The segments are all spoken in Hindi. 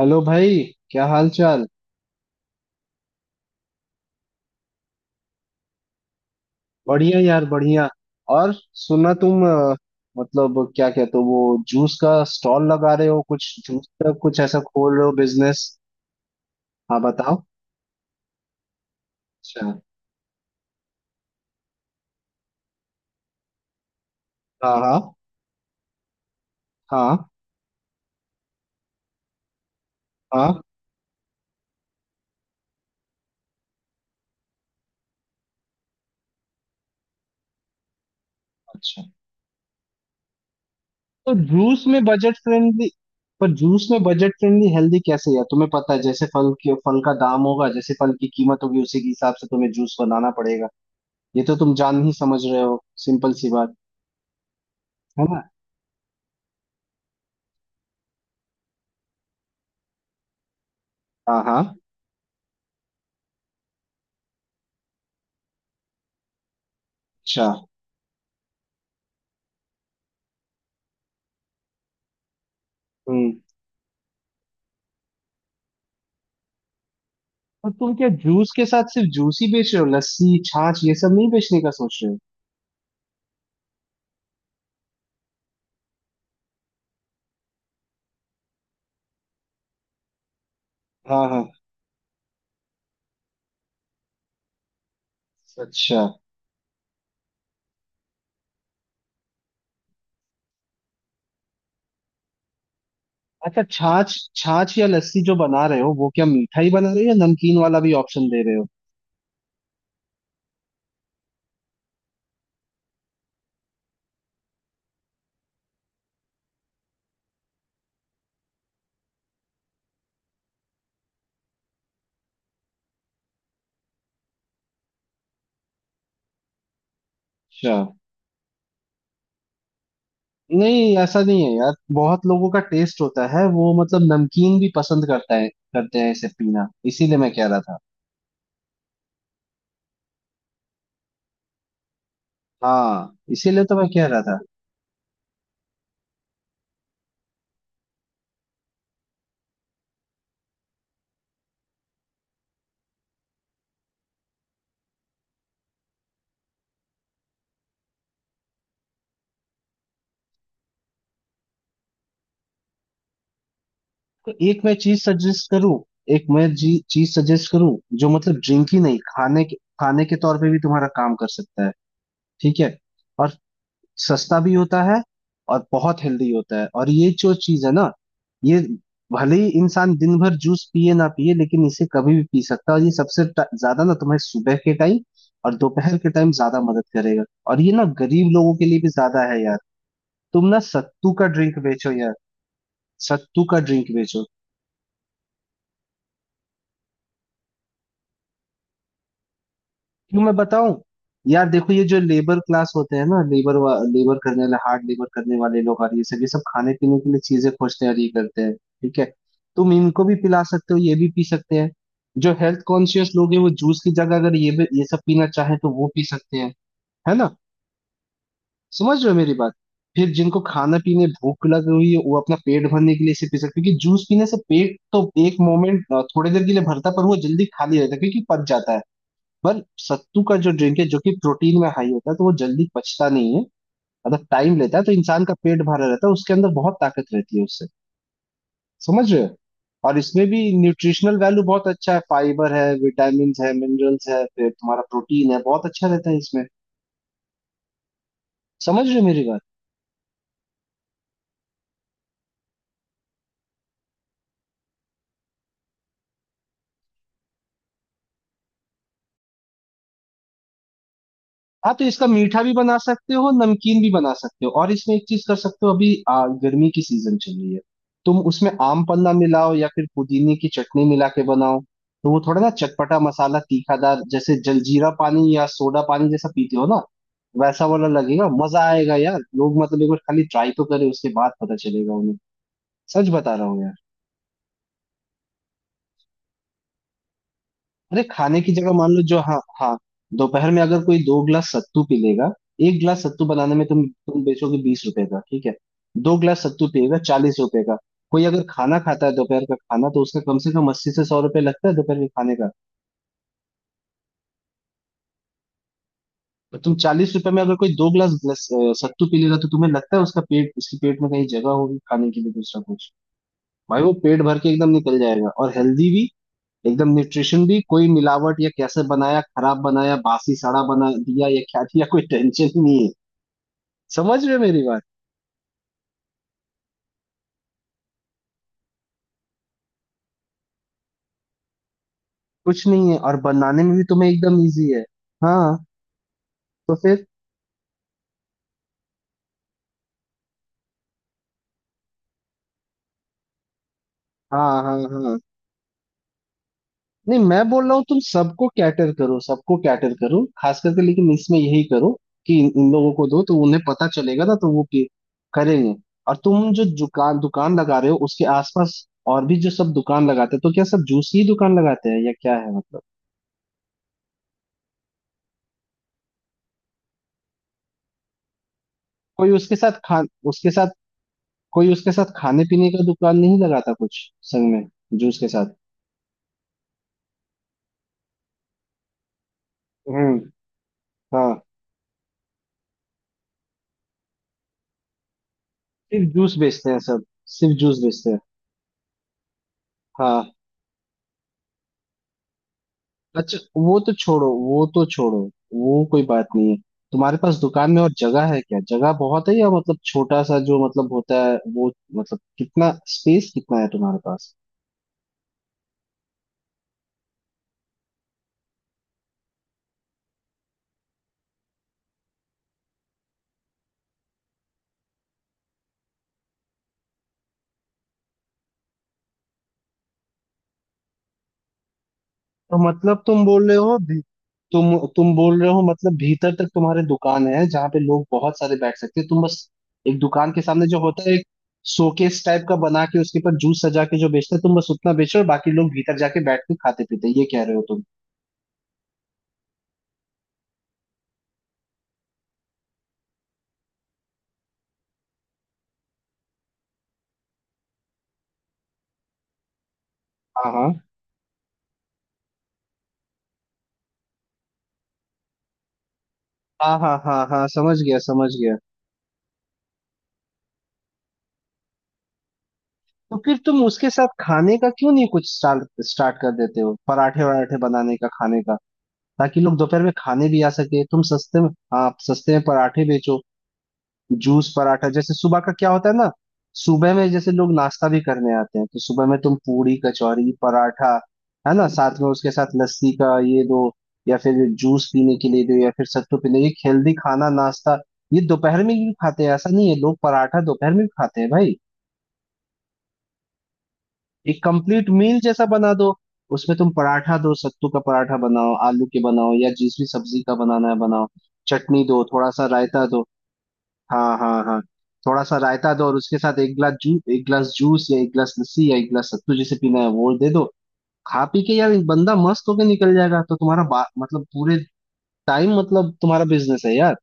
हेलो भाई, क्या हाल चाल। बढ़िया यार बढ़िया। और सुना तुम मतलब क्या कहते हो, वो जूस का स्टॉल लगा रहे हो, कुछ जूस का कुछ ऐसा खोल रहे हो बिजनेस। हाँ बताओ। अच्छा। हाँ हाँ। हाँ हाँ। अच्छा। तो जूस में बजट फ्रेंडली, पर जूस में बजट फ्रेंडली हेल्दी कैसे यार? तुम्हें पता है जैसे फल के फल का दाम होगा, जैसे फल की कीमत होगी उसी के हिसाब से तुम्हें जूस बनाना पड़ेगा। ये तो तुम जान ही समझ रहे हो। सिंपल सी बात है ना। हाँ हाँ। अच्छा। हम्म। और तुम क्या जूस के साथ सिर्फ जूस ही बेच रहे हो, लस्सी छाछ ये सब नहीं बेचने का सोच रहे हो? हाँ हाँ। अच्छा। अच्छा छाछ छाछ या लस्सी जो बना रहे हो वो क्या मीठा ही बना रहे हो या नमकीन वाला भी ऑप्शन दे रहे हो? अच्छा। नहीं ऐसा नहीं है यार, बहुत लोगों का टेस्ट होता है, वो मतलब नमकीन भी पसंद करता है, करते हैं इसे पीना। इसीलिए मैं कह रहा था। हाँ इसीलिए तो मैं कह रहा था। तो एक मैं चीज सजेस्ट करूँ, एक मैं जी चीज सजेस्ट करूँ जो मतलब ड्रिंक ही नहीं, खाने के खाने के तौर पे भी तुम्हारा काम कर सकता है। ठीक है। और सस्ता भी होता है और बहुत हेल्दी होता है, और ये जो चीज है ना, ये भले ही इंसान दिन भर जूस पिए ना पिए लेकिन इसे कभी भी पी सकता है, और ये सबसे ज्यादा ना तुम्हें सुबह के टाइम और दोपहर के टाइम ज्यादा मदद करेगा। और ये ना गरीब लोगों के लिए भी ज्यादा है यार। तुम ना सत्तू का ड्रिंक बेचो यार, सत्तू का ड्रिंक बेचो। क्यों मैं बताऊं। यार देखो ये जो लेबर क्लास होते हैं ना, लेबर लेबर करने वाले, हार्ड लेबर करने वाले लोग और ये सब, ये सब खाने पीने के लिए चीजें खोजते हैं और ये करते हैं। ठीक है। तुम इनको भी पिला सकते हो, ये भी पी सकते हैं। जो हेल्थ कॉन्शियस लोग हैं वो जूस की जगह अगर ये भी ये सब पीना चाहे तो वो पी सकते हैं। है ना। समझ रहे हो मेरी बात। फिर जिनको खाना पीने भूख लगी हुई है वो अपना पेट भरने के लिए इसे पी सकते हैं क्योंकि जूस पीने से पेट तो एक मोमेंट, थोड़ी देर के लिए भरता है, पर वो जल्दी खाली रहता है क्योंकि पच जाता है। पर सत्तू का जो ड्रिंक है, जो कि प्रोटीन में हाई होता है, तो वो जल्दी पचता नहीं है, मतलब टाइम लेता है, तो इंसान का पेट भरा रहता है, उसके अंदर बहुत ताकत रहती है उससे। समझ रहे हो। और इसमें भी न्यूट्रिशनल वैल्यू बहुत अच्छा है, फाइबर है, विटामिन है, मिनरल्स है, फिर तुम्हारा प्रोटीन है, बहुत अच्छा रहता है इसमें। समझ रहे हो मेरी बात। हाँ तो इसका मीठा भी बना सकते हो, नमकीन भी बना सकते हो, और इसमें एक चीज कर सकते हो, अभी गर्मी की सीजन चल रही है। तुम उसमें आम पन्ना मिलाओ या फिर पुदीने की चटनी मिला के बनाओ, तो वो थोड़ा ना चटपटा मसाला तीखादार, जैसे जलजीरा पानी या सोडा पानी जैसा पीते हो ना, वैसा वाला लगेगा। मजा आएगा यार, लोग मतलब एक बार खाली ट्राई तो करे, उसके बाद पता चलेगा उन्हें। सच बता रहा हूँ यार। अरे खाने की जगह मान लो जो, हाँ हाँ, दोपहर में अगर कोई दो गिलास सत्तू पी लेगा, एक गिलास सत्तू बनाने में तुम बेचोगे 20 रुपए का, ठीक है। दो गिलास सत्तू पिएगा 40 रुपए का। कोई अगर खाना खाता है, दोपहर का खाना, तो उसका कम से कम 80 से 100 रुपए लगता है दोपहर के खाने का। तो तुम 40 रुपए में अगर कोई दो गिलास ग्लास सत्तू पी लेगा, तो तुम्हें लगता है उसका पेट, उसके पेट में कहीं जगह होगी खाने के लिए दूसरा कुछ? भाई वो पेट भर के एकदम निकल जाएगा, और हेल्दी भी, एकदम न्यूट्रिशन भी, कोई मिलावट या कैसे बनाया, खराब बनाया, बासी सड़ा बना दिया या क्या दिया, कोई टेंशन ही नहीं है। समझ रहे हो मेरी बात। कुछ नहीं है, और बनाने में भी तुम्हें एकदम इजी है। हाँ। तो फिर। हाँ हाँ हाँ। नहीं मैं बोल रहा हूँ तुम सबको कैटर करो, सबको कैटर करो खास करके, लेकिन इसमें यही करो कि इन इन लोगों को दो तो उन्हें पता चलेगा ना, तो वो करेंगे। और तुम जो दुकान दुकान लगा रहे हो उसके आसपास और भी जो सब दुकान लगाते हैं, तो क्या सब जूस की दुकान लगाते हैं या क्या है मतलब? कोई उसके साथ खा, उसके साथ, कोई उसके साथ खाने पीने का दुकान नहीं लगाता कुछ, संग में, जूस के साथ? हम्म। हाँ। सिर्फ जूस बेचते हैं सब, सिर्फ जूस बेचते हैं। हाँ। अच्छा वो तो छोड़ो, वो तो छोड़ो, वो कोई बात नहीं है। तुम्हारे पास दुकान में और जगह है क्या, जगह बहुत है या मतलब छोटा सा जो मतलब होता है वो, मतलब कितना स्पेस कितना है तुम्हारे पास? तो मतलब तुम बोल रहे हो तुम बोल रहे हो मतलब भीतर तक तुम्हारे दुकान है जहाँ पे लोग बहुत सारे बैठ सकते हैं, तुम बस एक दुकान के सामने जो होता है, एक शोकेस टाइप का बना के उसके ऊपर जूस सजा के जो बेचते हैं, तुम बस उतना बेचो, और बाकी लोग भीतर जाके बैठ के खाते पीते हैं। ये कह रहे हो तुम? हाँ हाँ हाँ हाँ हाँ हाँ, समझ गया, समझ गया। तो फिर तुम उसके साथ खाने का क्यों नहीं कुछ स्टार्ट स्टार्ट कर देते हो, पराठे वराठे बनाने का, खाने का, ताकि लोग दोपहर में खाने भी आ सके, तुम सस्ते में। हाँ सस्ते में पराठे बेचो। जूस पराठा, जैसे सुबह का क्या होता है ना, सुबह में जैसे लोग नाश्ता भी करने आते हैं, तो सुबह में तुम पूरी कचौरी पराठा, है ना, साथ में उसके साथ लस्सी का, ये दो, या फिर जूस पीने के लिए दो, या फिर सत्तू पीने, ये हेल्दी खाना नाश्ता। ये दोपहर में भी खाते हैं, ऐसा नहीं है, लोग पराठा दोपहर में भी खाते हैं भाई। एक कंप्लीट मील जैसा बना दो। उसमें तुम पराठा दो, सत्तू का पराठा बनाओ, आलू के बनाओ, या जिस भी सब्जी का बनाना है बनाओ। चटनी दो, थोड़ा सा रायता दो। हाँ हाँ हाँ। थोड़ा सा रायता दो और उसके साथ एक गिलास जूस, एक गिलास जूस या एक गिलास लस्सी या एक गिलास सत्तू, जिसे पीना है वो दे दो। खा पी के यार बंदा मस्त होके निकल जाएगा, तो तुम्हारा मतलब पूरे टाइम, मतलब तुम्हारा बिजनेस है यार।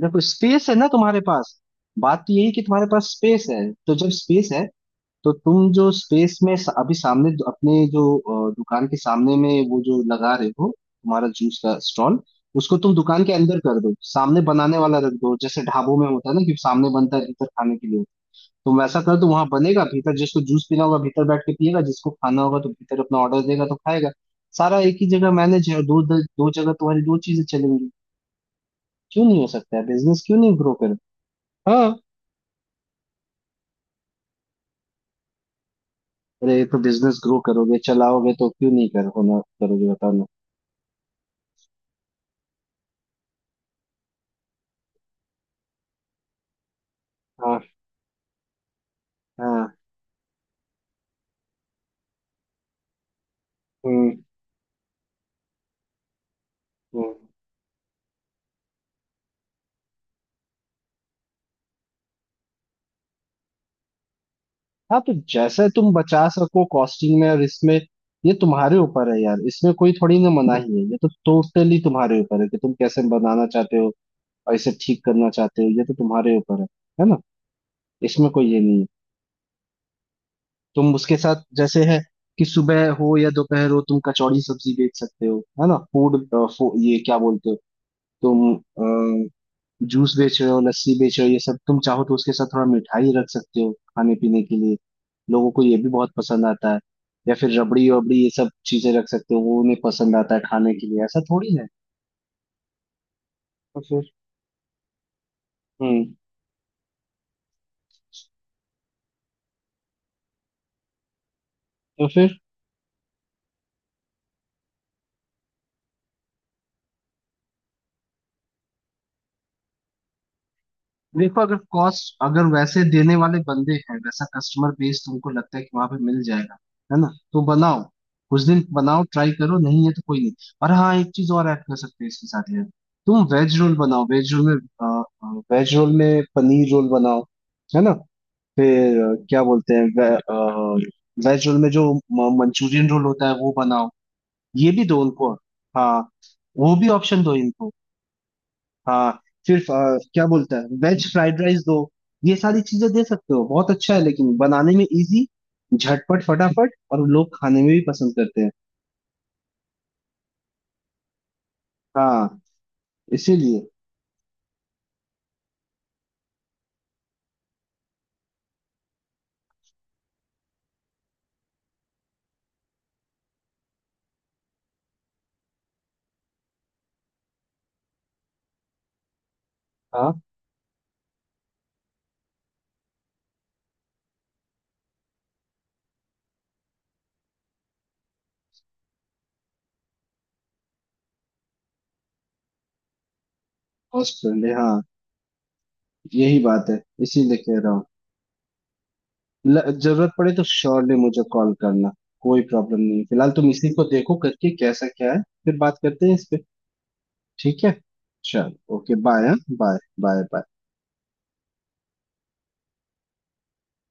देखो स्पेस है ना तुम्हारे पास, बात तो यही कि तुम्हारे पास स्पेस है, तो जब स्पेस है, तो तुम जो स्पेस में अभी सामने अपने जो दुकान के सामने में वो जो लगा रहे हो तुम्हारा जूस का स्टॉल, उसको तुम दुकान के अंदर कर दो, सामने बनाने वाला रख दो, जैसे ढाबों में होता है ना कि सामने बनता है, भीतर खाने के लिए, तुम वैसा कर दो। वहां बनेगा, भीतर जिसको जूस पीना होगा भीतर बैठ के पिएगा, जिसको खाना होगा तो भीतर अपना ऑर्डर देगा तो खाएगा। सारा एक ही जगह मैनेज है और दो दो जगह तुम्हारी दो चीजें चलेंगी। क्यों नहीं हो सकता है बिजनेस, क्यों नहीं ग्रो कर। हाँ। अरे तो बिजनेस ग्रो करोगे चलाओगे तो क्यों नहीं कर होना, करोगे बताना। हाँ। हम्म। हम्म। हाँ तो जैसे तुम बचा सको कॉस्टिंग में और इसमें, ये तुम्हारे ऊपर है यार, इसमें कोई थोड़ी ना मनाही है, ये तो टोटली तुम्हारे ऊपर है कि तुम कैसे बनाना चाहते हो और इसे ठीक करना चाहते हो, ये तो तुम्हारे ऊपर है। है ना। इसमें कोई ये नहीं है। तुम उसके साथ जैसे है कि सुबह हो या दोपहर हो, तुम कचौड़ी सब्जी बेच सकते हो, है ना, फूड, ये क्या बोलते हो तुम। जूस बेच रहे हो, लस्सी बेच रहे हो, ये सब, तुम चाहो तो उसके साथ थोड़ा मिठाई रख सकते हो खाने पीने के लिए, लोगों को ये भी बहुत पसंद आता है, या फिर रबड़ी वबड़ी ये सब चीजें रख सकते हो, वो उन्हें पसंद आता है खाने के लिए, ऐसा थोड़ी है। तो फिर। हम्म। तो फिर देखो अगर कॉस्ट अगर वैसे देने वाले बंदे हैं, वैसा कस्टमर बेस तुमको लगता है कि वहां पे मिल जाएगा, है ना, तो बनाओ। कुछ दिन बनाओ, ट्राई करो, नहीं है तो कोई नहीं। और हाँ एक चीज और ऐड कर सकते हैं इसके साथ यार, तुम वेज रोल बनाओ, वेज रोल में, वेज रोल में पनीर रोल बनाओ, है ना, फिर क्या बोलते हैं वेज रोल में जो मंचूरियन रोल होता है वो बनाओ, ये भी दो उनको। हाँ। वो भी ऑप्शन दो इनको। हाँ। सिर्फ क्या बोलता है, वेज फ्राइड राइस दो। ये सारी चीजें दे सकते हो, बहुत अच्छा है लेकिन बनाने में इजी, झटपट फटाफट, और लोग खाने में भी पसंद करते हैं। हाँ। इसीलिए। हाँ। हॉस्पिटल हाँ। यही बात है, इसीलिए कह रहा हूँ। जरूरत पड़े तो श्योरली मुझे कॉल करना, कोई प्रॉब्लम नहीं। फिलहाल तुम इसी को देखो करके कैसा क्या है, फिर बात करते हैं इस पे। ठीक है। चल ओके बाय, हाँ बाय बाय बाय।